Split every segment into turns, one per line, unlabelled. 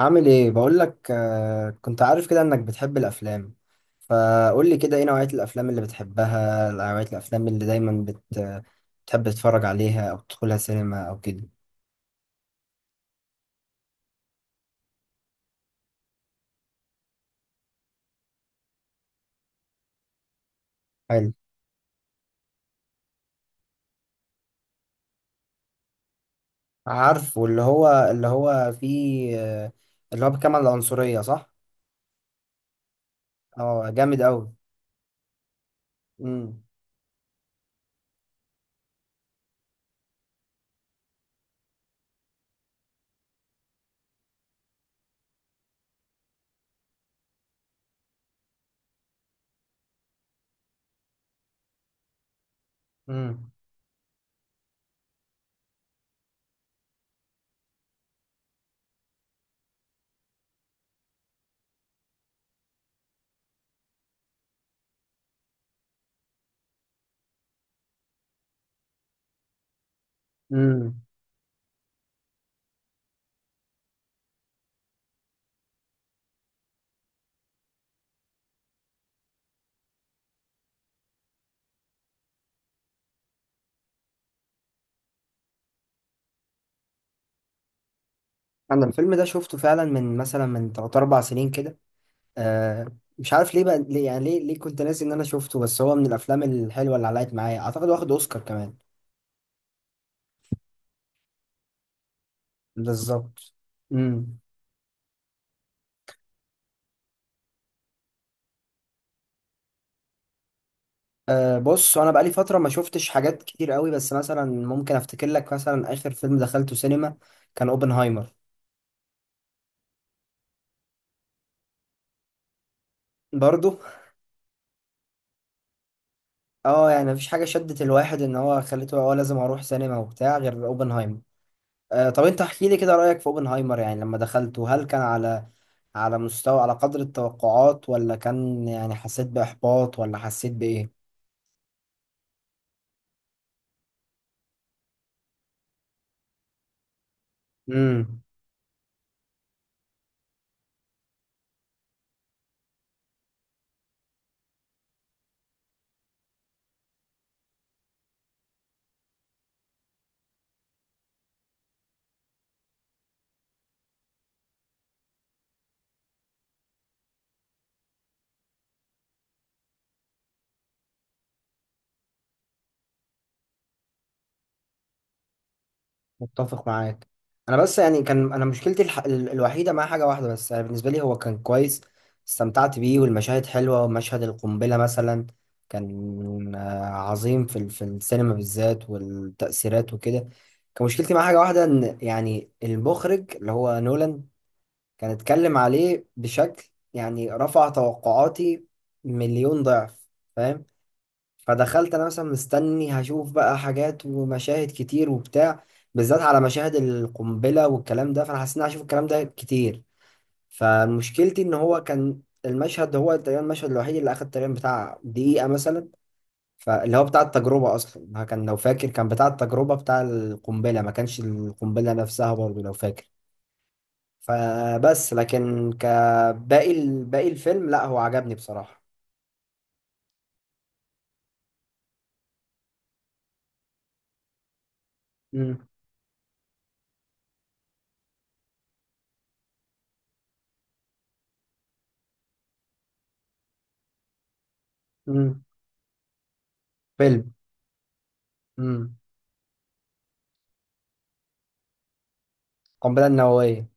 عامل ايه؟ بقول لك، كنت عارف كده انك بتحب الافلام. فقول لي كده، ايه نوعية الافلام اللي بتحبها؟ نوعية الافلام اللي دايما بتحب تتفرج عليها او تدخلها سينما او كده. حلو. عارف، واللي هو فيه، اللي هو بيتكلم عن العنصرية، صح؟ اه، جامد قوي. امم امم امم انا الفيلم ده شفته فعلا من، مثلا، من 3 4 سنين كده. آه مش عارف ليه بقى، ليه يعني، ليه كنت ناسي ان انا شفته، بس هو من الافلام الحلوه اللي علقت معايا، اعتقد، واخد اوسكار كمان. بالظبط. امم بص، انا بقالي فتره ما شفتش حاجات كتير قوي، بس مثلا ممكن افتكر لك، مثلا اخر فيلم دخلته سينما كان اوبنهايمر. برضو. اه يعني مفيش حاجه شدت الواحد ان هو خليته لازم اروح سينما وبتاع، غير اوبنهايمر. طب انت احكي لي كده رأيك في اوبنهايمر. يعني لما دخلته، هل كان على مستوى، على قدر التوقعات، ولا كان يعني حسيت بإحباط، ولا حسيت بإيه؟ امم متفق معاك. انا بس يعني، كان انا مشكلتي الوحيدة مع حاجة واحدة بس، يعني بالنسبة لي هو كان كويس. استمتعت بيه، والمشاهد حلوة، ومشهد القنبلة مثلا كان عظيم في في السينما بالذات، والتأثيرات وكده. كان مشكلتي مع حاجة واحدة ان يعني المخرج اللي هو نولان كان اتكلم عليه بشكل يعني رفع توقعاتي مليون ضعف، فاهم؟ فدخلت انا مثلا مستني هشوف بقى حاجات ومشاهد كتير وبتاع، بالذات على مشاهد القنبلة والكلام ده، فانا حسيت اني هشوف الكلام ده كتير. فمشكلتي ان هو كان المشهد، هو تقريبا المشهد الوحيد اللي اخد تقريبا بتاع دقيقة مثلا. فاللي هو بتاع التجربة اصلا، كان لو فاكر، كان بتاع التجربة بتاع القنبلة، ما كانش القنبلة نفسها برضه لو فاكر. فبس لكن كباقي باقي الفيلم، لا، هو عجبني بصراحة. امم. امم. فيلم. امم. قنبلة نووية.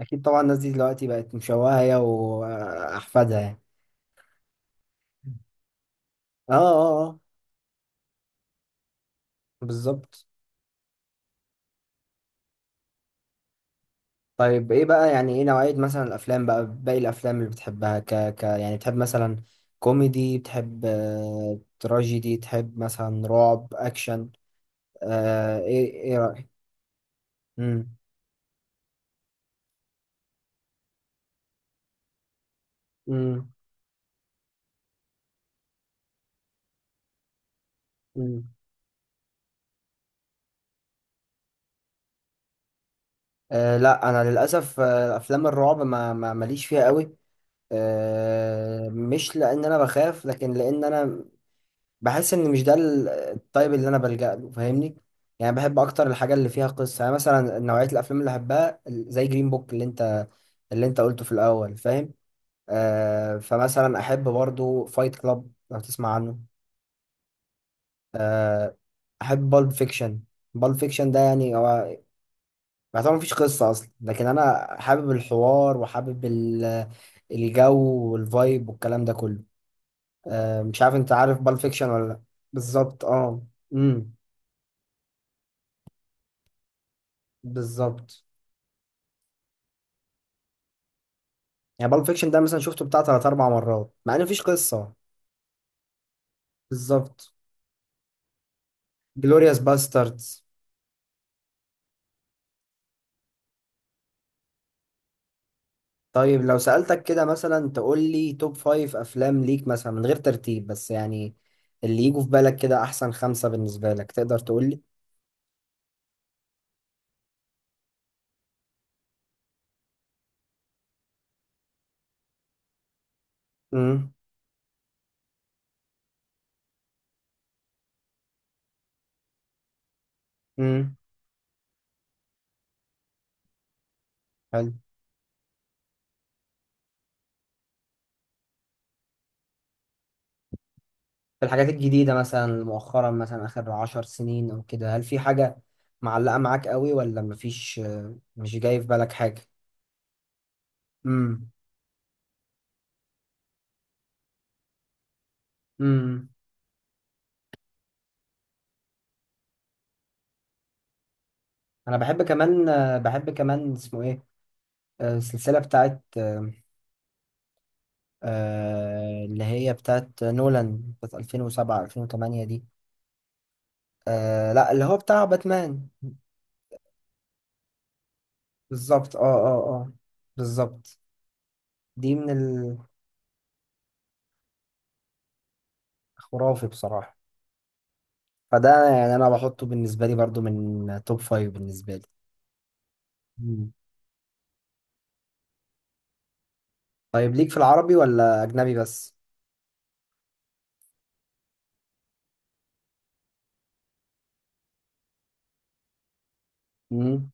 أكيد طبعا. الناس دي دلوقتي بقت مشوهة، هي وأحفادها، يعني. اه، اه، اه. بالظبط. طيب ايه بقى؟ يعني ايه نوعية مثلا الأفلام، بقى باقي الأفلام اللي بتحبها؟ يعني بتحب مثلا كوميدي؟ بتحب تراجيدي؟ تحب مثلا رعب، أكشن، ايه رأيك؟ امم امم لا، انا للاسف، افلام الرعب ما ما ماليش فيها قوي. مش لان انا بخاف، لكن لان انا بحس ان مش ده الطيب اللي انا بلجأ له، فاهمني؟ يعني بحب اكتر الحاجه اللي فيها قصه، يعني مثلا نوعيه الافلام اللي بحبها زي جرين بوك اللي انت قلته في الاول، فاهم؟ فمثلا احب برضو فايت كلاب، لو تسمع عنه. أه احب بالب فيكشن. بالب فيكشن ده يعني هو، ما طبعا مفيش قصة أصلا، لكن أنا حابب الحوار وحابب الجو والفايب والكلام ده كله. مش عارف، أنت عارف بالب فيكشن ولا لأ؟ بالظبط، أه، أمم، بالظبط. يعني بالب فيكشن ده مثلا شفته بتاع تلات أربع مرات، مع إن مفيش قصة. بالظبط. جلوريوس باستردز. طيب لو سألتك كده مثلا، تقول لي توب فايف أفلام ليك مثلا، من غير ترتيب بس، يعني اللي يجوا في بالك كده، أحسن خمسة بالنسبة لك، تقدر تقول لي؟ امم امم في الحاجات الجديدة مثلا، مؤخرا، مثلا آخر عشر سنين أو كده، هل في حاجة معلقة معاك قوي، ولا مفيش؟ مش جاي في بالك حاجة؟ امم امم أنا بحب كمان اسمه إيه، السلسلة بتاعت اللي هي بتاعت نولان بتاعت 2007 2008 دي. لا، اللي هو بتاع باتمان. بالظبط. اه، اه، اه. بالظبط. دي من الخرافي بصراحة. فده يعني أنا بحطه بالنسبة لي برضو من توب فايف بالنسبة لي. طيب، ليك في العربي ولا اجنبي بس؟ مم.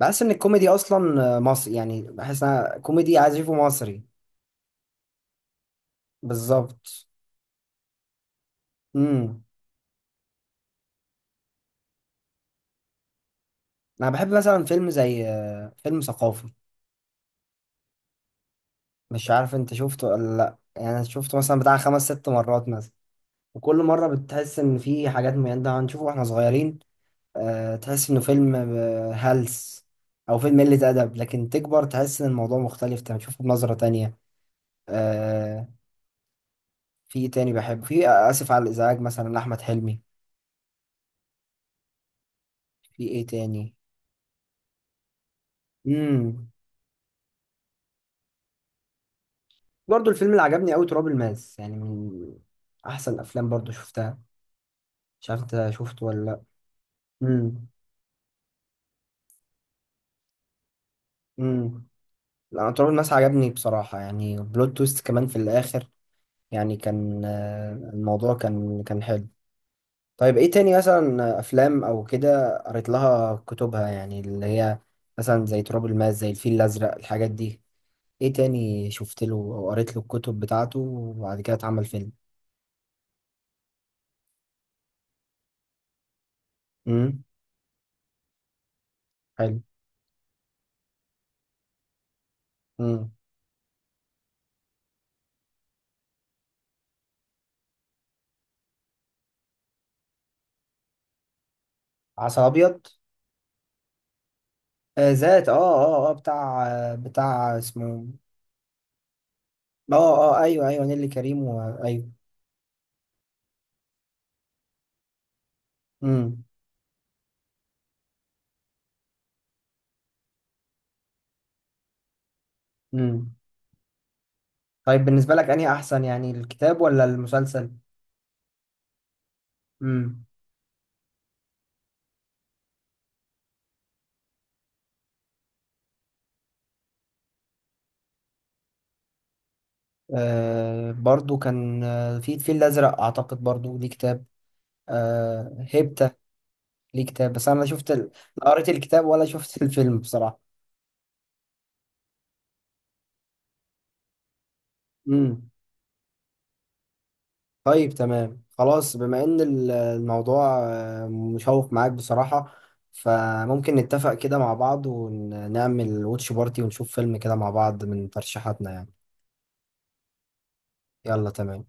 بحس ان الكوميدي اصلا مصري، يعني بحس ان انا كوميدي عايز اشوفه مصري. بالظبط. امم انا بحب مثلا فيلم زي فيلم ثقافي. مش عارف انت شفته ولا لا، يعني أنا شفته مثلا بتاع خمس ست مرات مثلا. وكل مره بتحس ان في حاجات، من ده هنشوفه واحنا صغيرين، تحس انه فيلم هلس، او فيلم قله ادب، لكن تكبر تحس ان الموضوع مختلف، تشوفه بنظره تانية. آه، في ايه تاني بحبه؟ في اسف على الازعاج مثلا لاحمد حلمي. في ايه تاني؟ امم برضو الفيلم اللي عجبني قوي تراب الماس، يعني من احسن الافلام برضو شفتها. مش عارف انت شفته ولا لا. امم امم لا، تراب الماس عجبني بصراحة، يعني بلوت تويست كمان في الاخر. يعني كان الموضوع كان حلو. طيب ايه تاني مثلا، افلام او كده، قريت لها كتبها يعني، اللي هي مثلا زي تراب الماس، زي الفيل الازرق، الحاجات دي؟ ايه تاني شفت له او قريت له الكتب بتاعته وبعد كده اتعمل فيلم؟ امم. حلو. امم. عسل ابيض. آه، ذات. اه، اه، اه. بتاع اسمه. اه، اه، ايوه، ايوه. نيللي كريم ايوه. امم امم طيب، بالنسبه لك، انهي احسن، يعني الكتاب ولا المسلسل؟ امم برضو كان في الفيل الازرق اعتقد برضو ليه كتاب. هيبتا ليه كتاب، بس انا لا شفت لا قريت الكتاب، ولا شفت الفيلم بصراحه. امم طيب، تمام خلاص. بما ان الموضوع مشوق معاك بصراحة، فممكن نتفق كده مع بعض ونعمل واتش بارتي ونشوف فيلم كده مع بعض من ترشيحاتنا يعني. يلا، تمام.